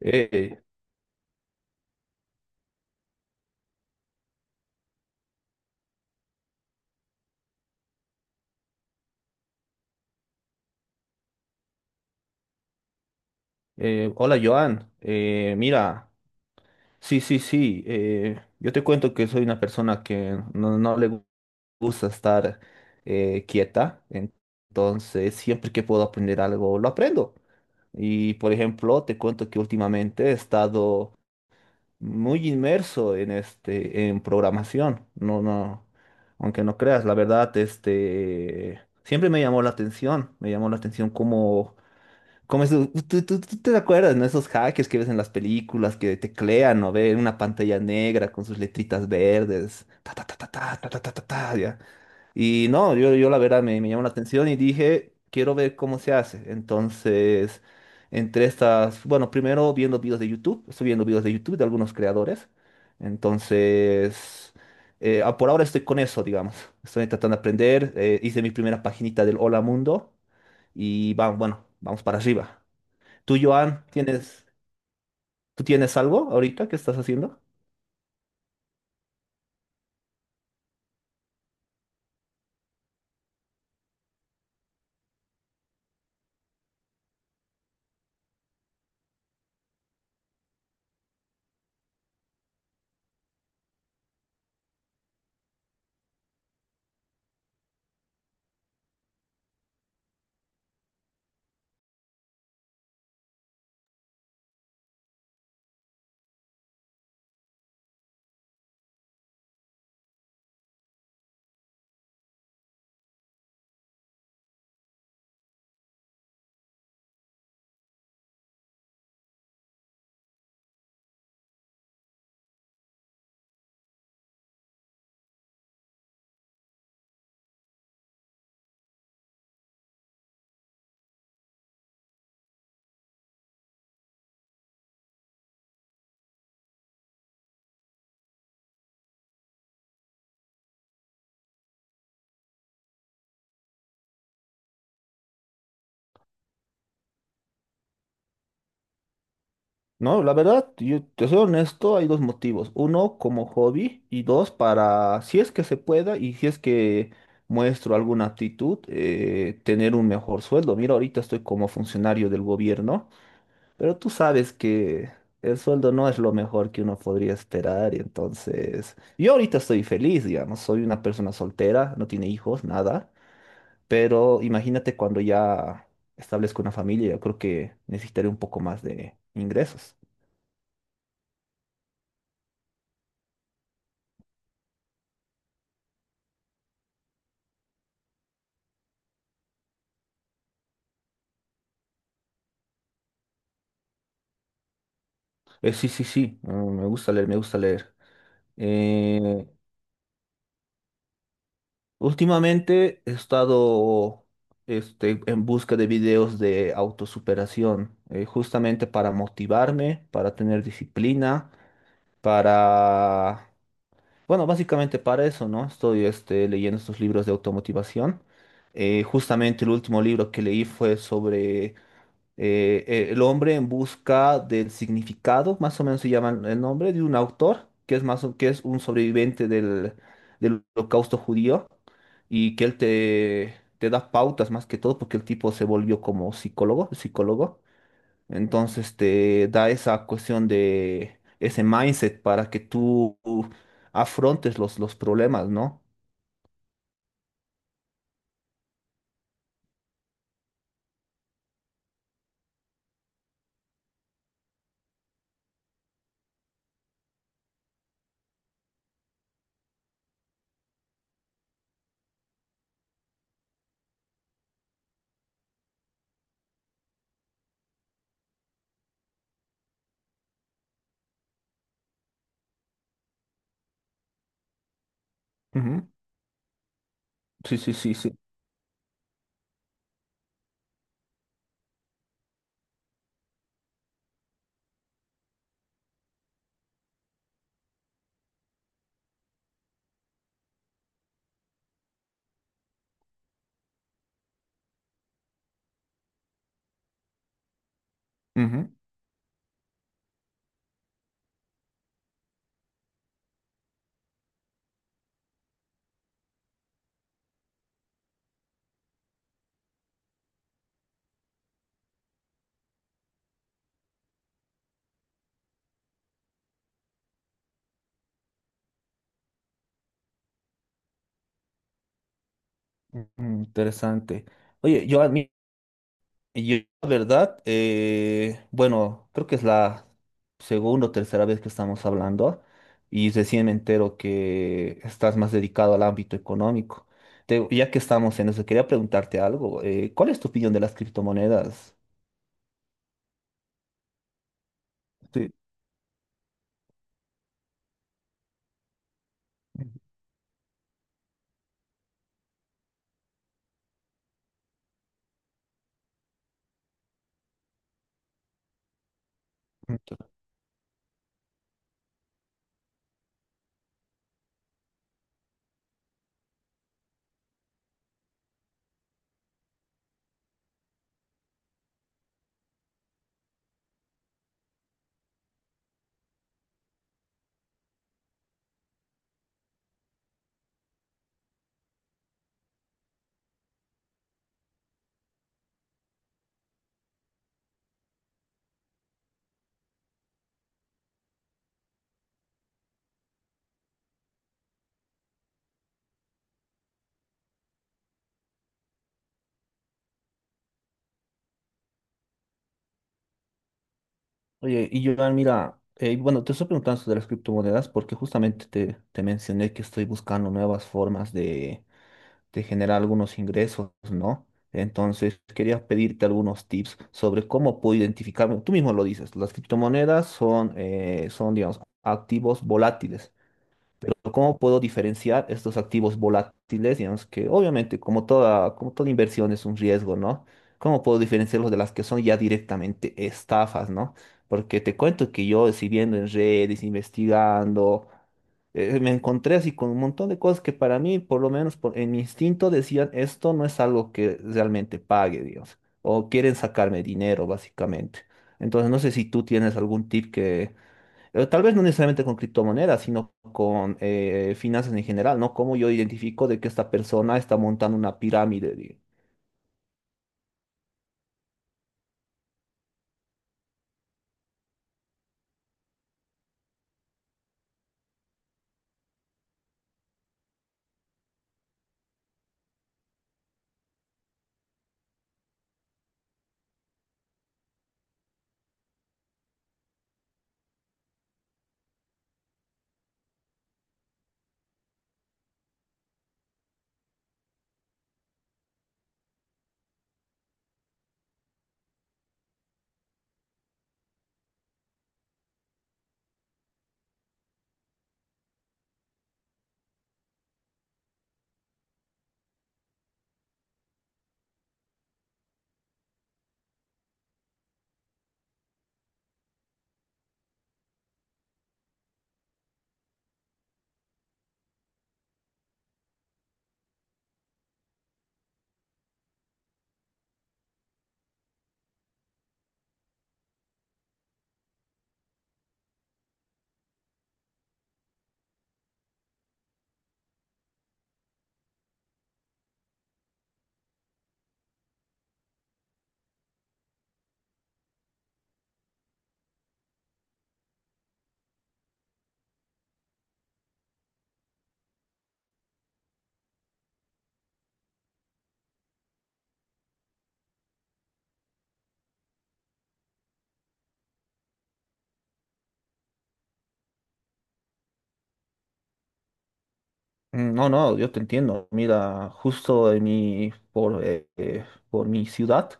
Eh, hola Joan. Mira, sí, sí, sí, yo te cuento que soy una persona que no gusta estar quieta, entonces siempre que puedo aprender algo, lo aprendo. Y por ejemplo, te cuento que últimamente he estado muy inmerso en este, en programación. No, no, aunque no creas, la verdad, este, siempre me llamó la atención, me llamó la atención cómo como es, tú te acuerdas, ¿no? Esos hackers que ves en las películas que teclean o ven una pantalla negra con sus letritas verdes, ta ta ta ta ta ta ta ta ta, ta, ya. Y no, yo la verdad me llamó la atención y dije, quiero ver cómo se hace. Entonces, entre estas, bueno, primero viendo videos de YouTube, estoy viendo videos de YouTube de algunos creadores. Entonces, por ahora estoy con eso, digamos. Estoy tratando de aprender, hice mi primera paginita del Hola Mundo y vamos, bueno, vamos para arriba. Tú, Joan, ¿tú tienes algo ahorita que estás haciendo? No, la verdad, yo te soy honesto, hay dos motivos. Uno, como hobby, y dos, para, si es que se pueda y si es que muestro alguna aptitud, tener un mejor sueldo. Mira, ahorita estoy como funcionario del gobierno, pero tú sabes que el sueldo no es lo mejor que uno podría esperar, y entonces, yo ahorita estoy feliz, digamos, soy una persona soltera, no tiene hijos, nada. Pero imagínate cuando ya establezco una familia, yo creo que necesitaré un poco más de ingresos. Sí, sí, sí, mm, me gusta leer, me gusta leer. Eh, Últimamente he estado este, en busca de videos de autosuperación, justamente para motivarme, para tener disciplina, para... Bueno, básicamente para eso, ¿no? Estoy este, leyendo estos libros de automotivación. Justamente el último libro que leí fue sobre el hombre en busca del significado, más o menos se llama el nombre, de un autor que es, que es un sobreviviente del holocausto judío y que él te da pautas más que todo porque el tipo se volvió como psicólogo, psicólogo. Entonces te da esa cuestión de ese mindset para que tú afrontes los problemas, ¿no? Ujú. Sí, sí, sí, sí. Ujú. Ujú. Interesante. Oye, yo Y Yo, la verdad, bueno, creo que es la segunda o tercera vez que estamos hablando y recién me entero que estás más dedicado al ámbito económico. Ya que estamos en eso, quería preguntarte algo. ¿Cuál es tu opinión de las criptomonedas? Sí. Oye, y Joan, mira, bueno, te estoy preguntando sobre las criptomonedas porque justamente te mencioné que estoy buscando nuevas formas te genera algunos ingresos, ¿no? Entonces, quería pedirte algunos tips sobre cómo puedo identificarme. Tú mismo lo dices, las criptomonedas son, digamos, activos volátiles. Pero ¿cómo puedo diferenciar estos activos volátiles, digamos que obviamente como toda inversión es un riesgo, ¿no? ¿Cómo puedo diferenciarlos de las que son ya directamente estafas, ¿no? Porque te cuento que yo, si viendo en redes, investigando, me encontré así con un montón de cosas que para mí, por lo menos en mi instinto, decían, esto no es algo que realmente pague, Dios, o quieren sacarme dinero, básicamente. Entonces, no sé si tú tienes algún tip que, tal vez no necesariamente con criptomonedas, sino con finanzas en general, ¿no? ¿Cómo yo identifico de que esta persona está montando una pirámide? Digo? Mm. No, no, yo te entiendo. Mira, justo en mi, por mi ciudad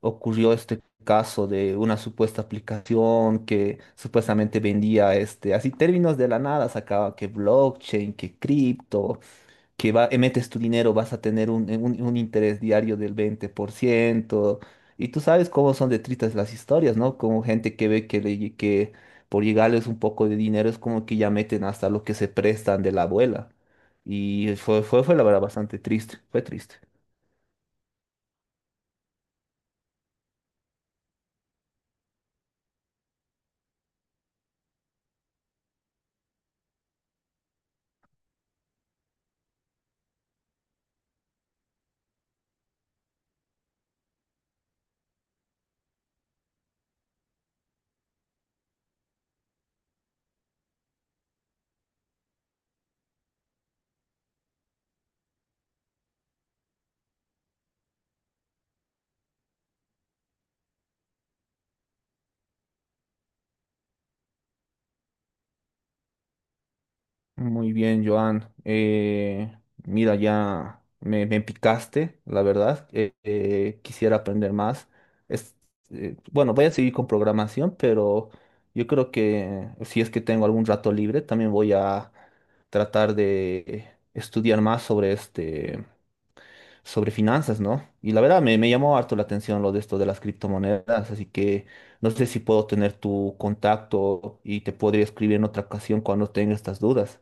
ocurrió este caso de una supuesta aplicación que supuestamente vendía este, así términos de la nada, sacaba que blockchain, que cripto, que va, metes tu dinero vas a tener un, un interés diario del 20%. Y tú sabes cómo son de tristes las historias, ¿no? Como gente que ve que, que por llegarles un poco de dinero es como que ya meten hasta lo que se prestan de la abuela. Y fue la verdad bastante triste, fue triste. Muy bien, Joan. Mira, ya me picaste, la verdad. Quisiera aprender más. Es, bueno, voy a seguir con programación, pero yo creo que si es que tengo algún rato libre, también voy a tratar de estudiar más sobre este, sobre finanzas, ¿no? Y la verdad me llamó harto la atención lo de esto de las criptomonedas, así que no sé si puedo tener tu contacto y te podría escribir en otra ocasión cuando tenga estas dudas.